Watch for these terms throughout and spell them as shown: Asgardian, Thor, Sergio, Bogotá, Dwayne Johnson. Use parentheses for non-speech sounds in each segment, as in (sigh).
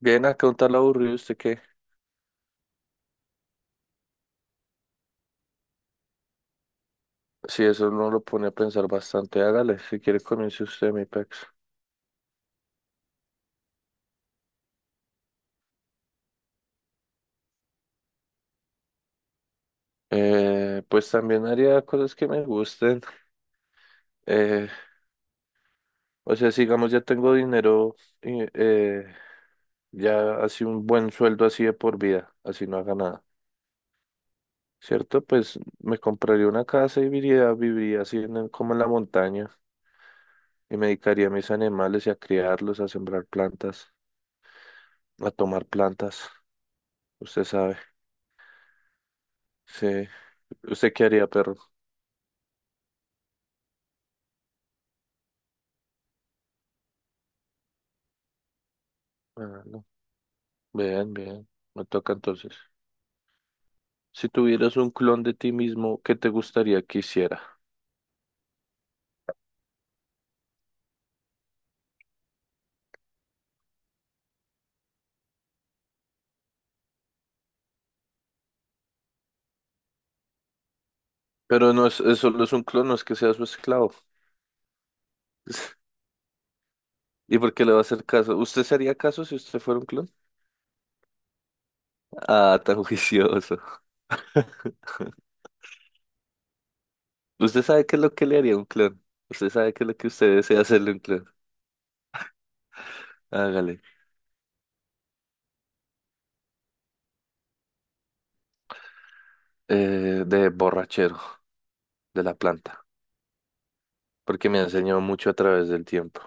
Bien, acá un tal aburrido, ¿usted qué? Si eso uno lo pone a pensar bastante, hágale, si quiere comience usted, mi pex. Pues también haría cosas que me gusten. Eh, o sea, si digamos ya tengo dinero, y ya así un buen sueldo así de por vida, así no haga nada, ¿cierto? Pues me compraría una casa y viviría así en como en la montaña y me dedicaría a mis animales y a criarlos, a sembrar plantas, a tomar plantas, usted sabe. Sí, ¿usted qué haría, perro? Ah, no. Bien, bien. Me toca entonces. Si tuvieras un clon de ti mismo, ¿qué te gustaría que hiciera? Pero no es, es solo es un clon, no es que sea su esclavo. (laughs) ¿Y por qué le va a hacer caso? ¿Usted sería caso si usted fuera un clon? Ah, tan juicioso. (laughs) ¿Usted sabe qué es lo que le haría un clon? ¿Usted sabe qué es lo que usted desea hacerle a un clon? Hágale. De borrachero, de la planta. Porque me ha enseñado mucho a través del tiempo.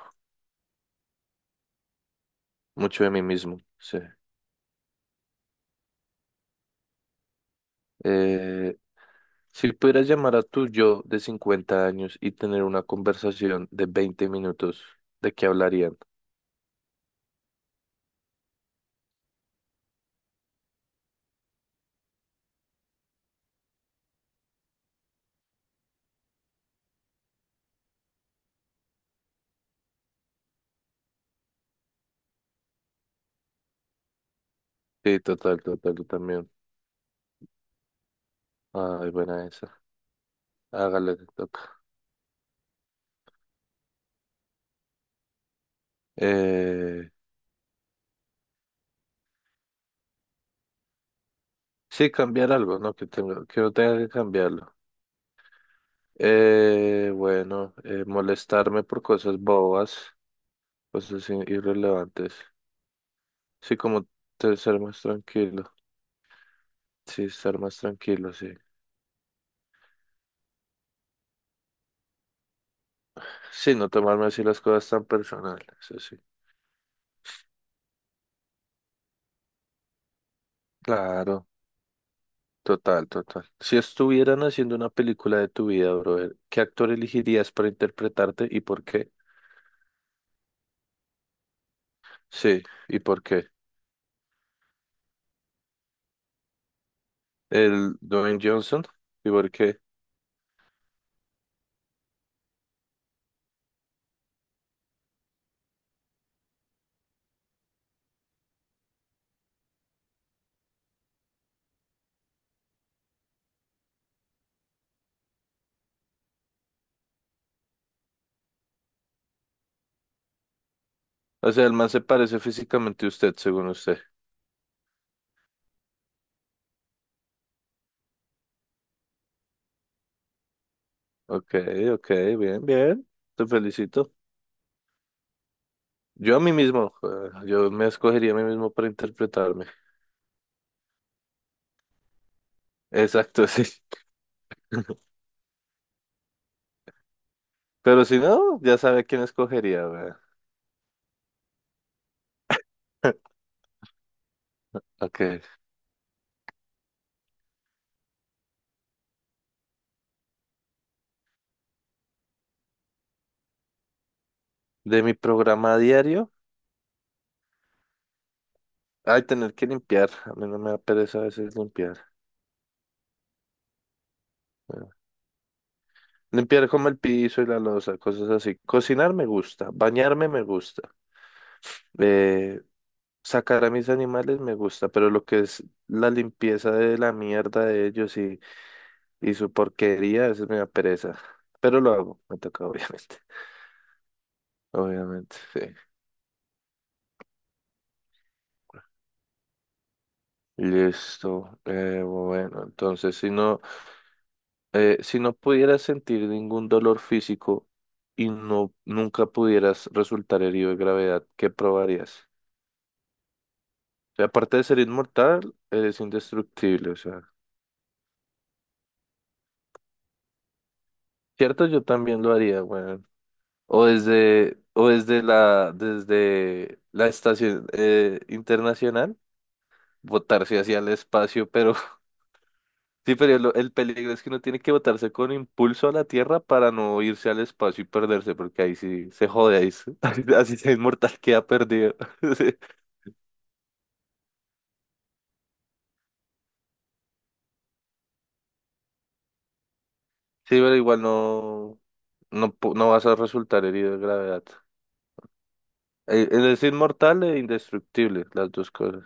Mucho de mí mismo, sí. Eh, Si pudieras llamar a tu yo de 50 años y tener una conversación de 20 minutos, ¿de qué hablarían? Sí, total, total, yo también. Ay, buena esa. Hágale, te toca. Eh, sí, cambiar algo, ¿no? Que tengo, que no tenga que cambiarlo. Eh, bueno, molestarme por cosas bobas, cosas irrelevantes. Sí, como ser más tranquilo. Sí, estar más tranquilo, sí. Sí, no tomarme así las cosas tan personales, eso sí. Claro. Total, total. Si estuvieran haciendo una película de tu vida, brother, ¿qué actor elegirías para interpretarte y por qué? Sí, ¿y por qué? El Dwayne Johnson, ¿y por qué? O sea, el man se parece físicamente a usted, según usted. Ok, ok, bien, bien. Te felicito. Yo a mí mismo, yo me escogería a mí mismo para interpretarme. Exacto, (laughs) sí. Pero si no, ya sabe quién escogería, weón. (laughs) Ok. De mi programa diario, ay, tener que limpiar. A mí no me da pereza a veces limpiar. Bueno, limpiar como el piso y la loza, cosas así. Cocinar me gusta, bañarme me gusta, eh, sacar a mis animales me gusta, pero lo que es la limpieza de la mierda de ellos y su porquería, eso me da pereza. Pero lo hago, me toca obviamente. (laughs) Obviamente, sí. Listo. Bueno, entonces si no pudieras sentir ningún dolor físico y no nunca pudieras resultar herido de gravedad, ¿qué probarías? O sea, aparte de ser inmortal, eres indestructible, o sea. Cierto, yo también lo haría, weón. O desde desde la estación internacional, botarse hacia el espacio, pero (laughs) sí, pero el peligro es que uno tiene que botarse con impulso a la Tierra para no irse al espacio y perderse, porque ahí sí se jode, ahí, (laughs) así así sea inmortal queda perdido. (laughs) Sí, pero igual no, no vas a resultar herido de gravedad. Él es inmortal e indestructible, las dos cosas.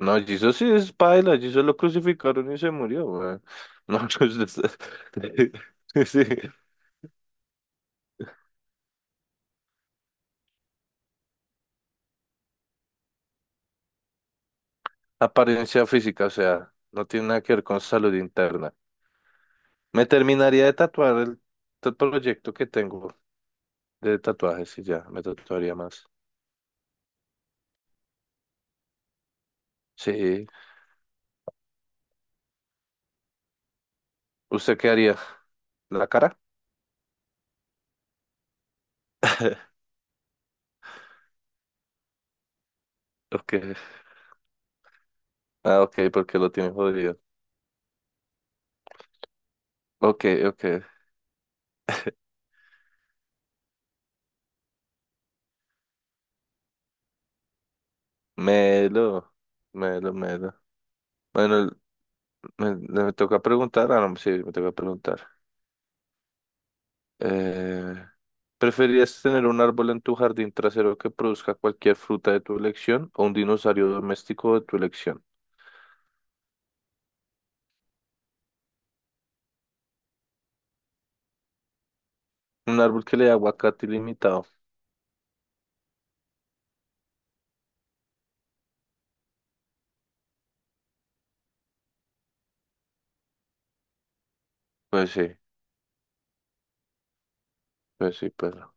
No, Jesús sí es paila, Jesús lo crucificaron y se murió, weón. No, (laughs) pues, (laughs) sí, apariencia física, o sea, no tiene nada que ver con salud interna. Me terminaría de tatuar proyecto que tengo de tatuajes y ya, me tatuaría más. Sí, ¿usted qué haría? ¿La cara? (laughs) Ok, ah, ok, porque lo tiene jodido. Ok, ok, melo, melo, melo. Bueno, me toca preguntar, ah, no, sí, me toca preguntar. Eh, ¿Preferirías tener un árbol en tu jardín trasero que produzca cualquier fruta de tu elección o un dinosaurio doméstico de tu elección? Un árbol que le dé aguacate ilimitado. Pues sí, pues sí, pero.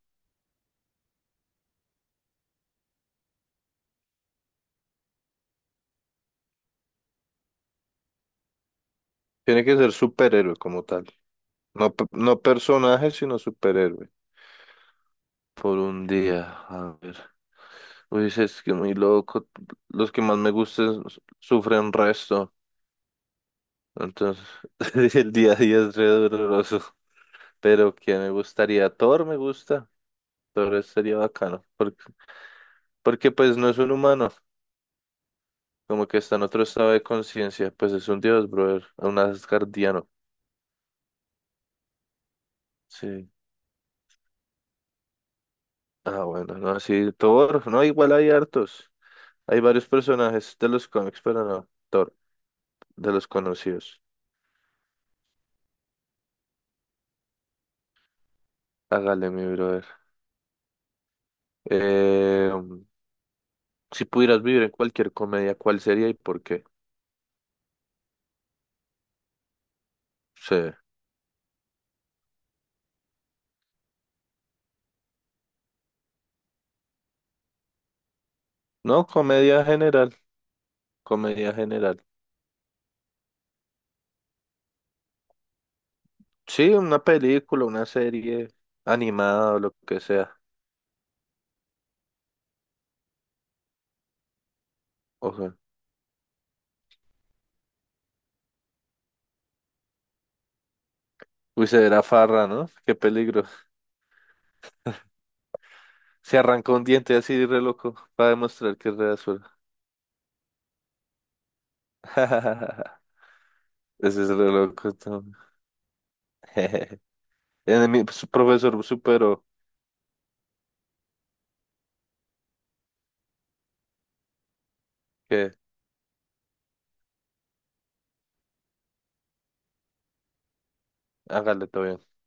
Tiene que ser superhéroe como tal. No, no personaje, sino superhéroe. Por un día, a ver. Uy, sí, es que muy loco. Los que más me gustan sufren resto. Entonces, (laughs) el día a día es re doloroso. Pero que me gustaría, Thor me gusta, Thor estaría bacano, porque, porque pues no es un humano, como que está en otro estado de conciencia, pues es un dios, brother, un asgardiano, sí. Ah, bueno, no, sí, Thor, no, igual hay hartos, hay varios personajes de los cómics, pero no, Thor, de los conocidos, hágale mi brother. Eh, si pudieras vivir en cualquier comedia, ¿cuál sería y por qué? Sí, no, comedia general, comedia general. Sí, una película, una serie animada o lo que sea. O sea, uy, se verá farra, ¿no? Qué peligro. (laughs) Se arrancó un diente así re loco para demostrar que es re azul. (laughs) Ese es re loco. Tom. (laughs) En mi profesor superó que hágale todo bien.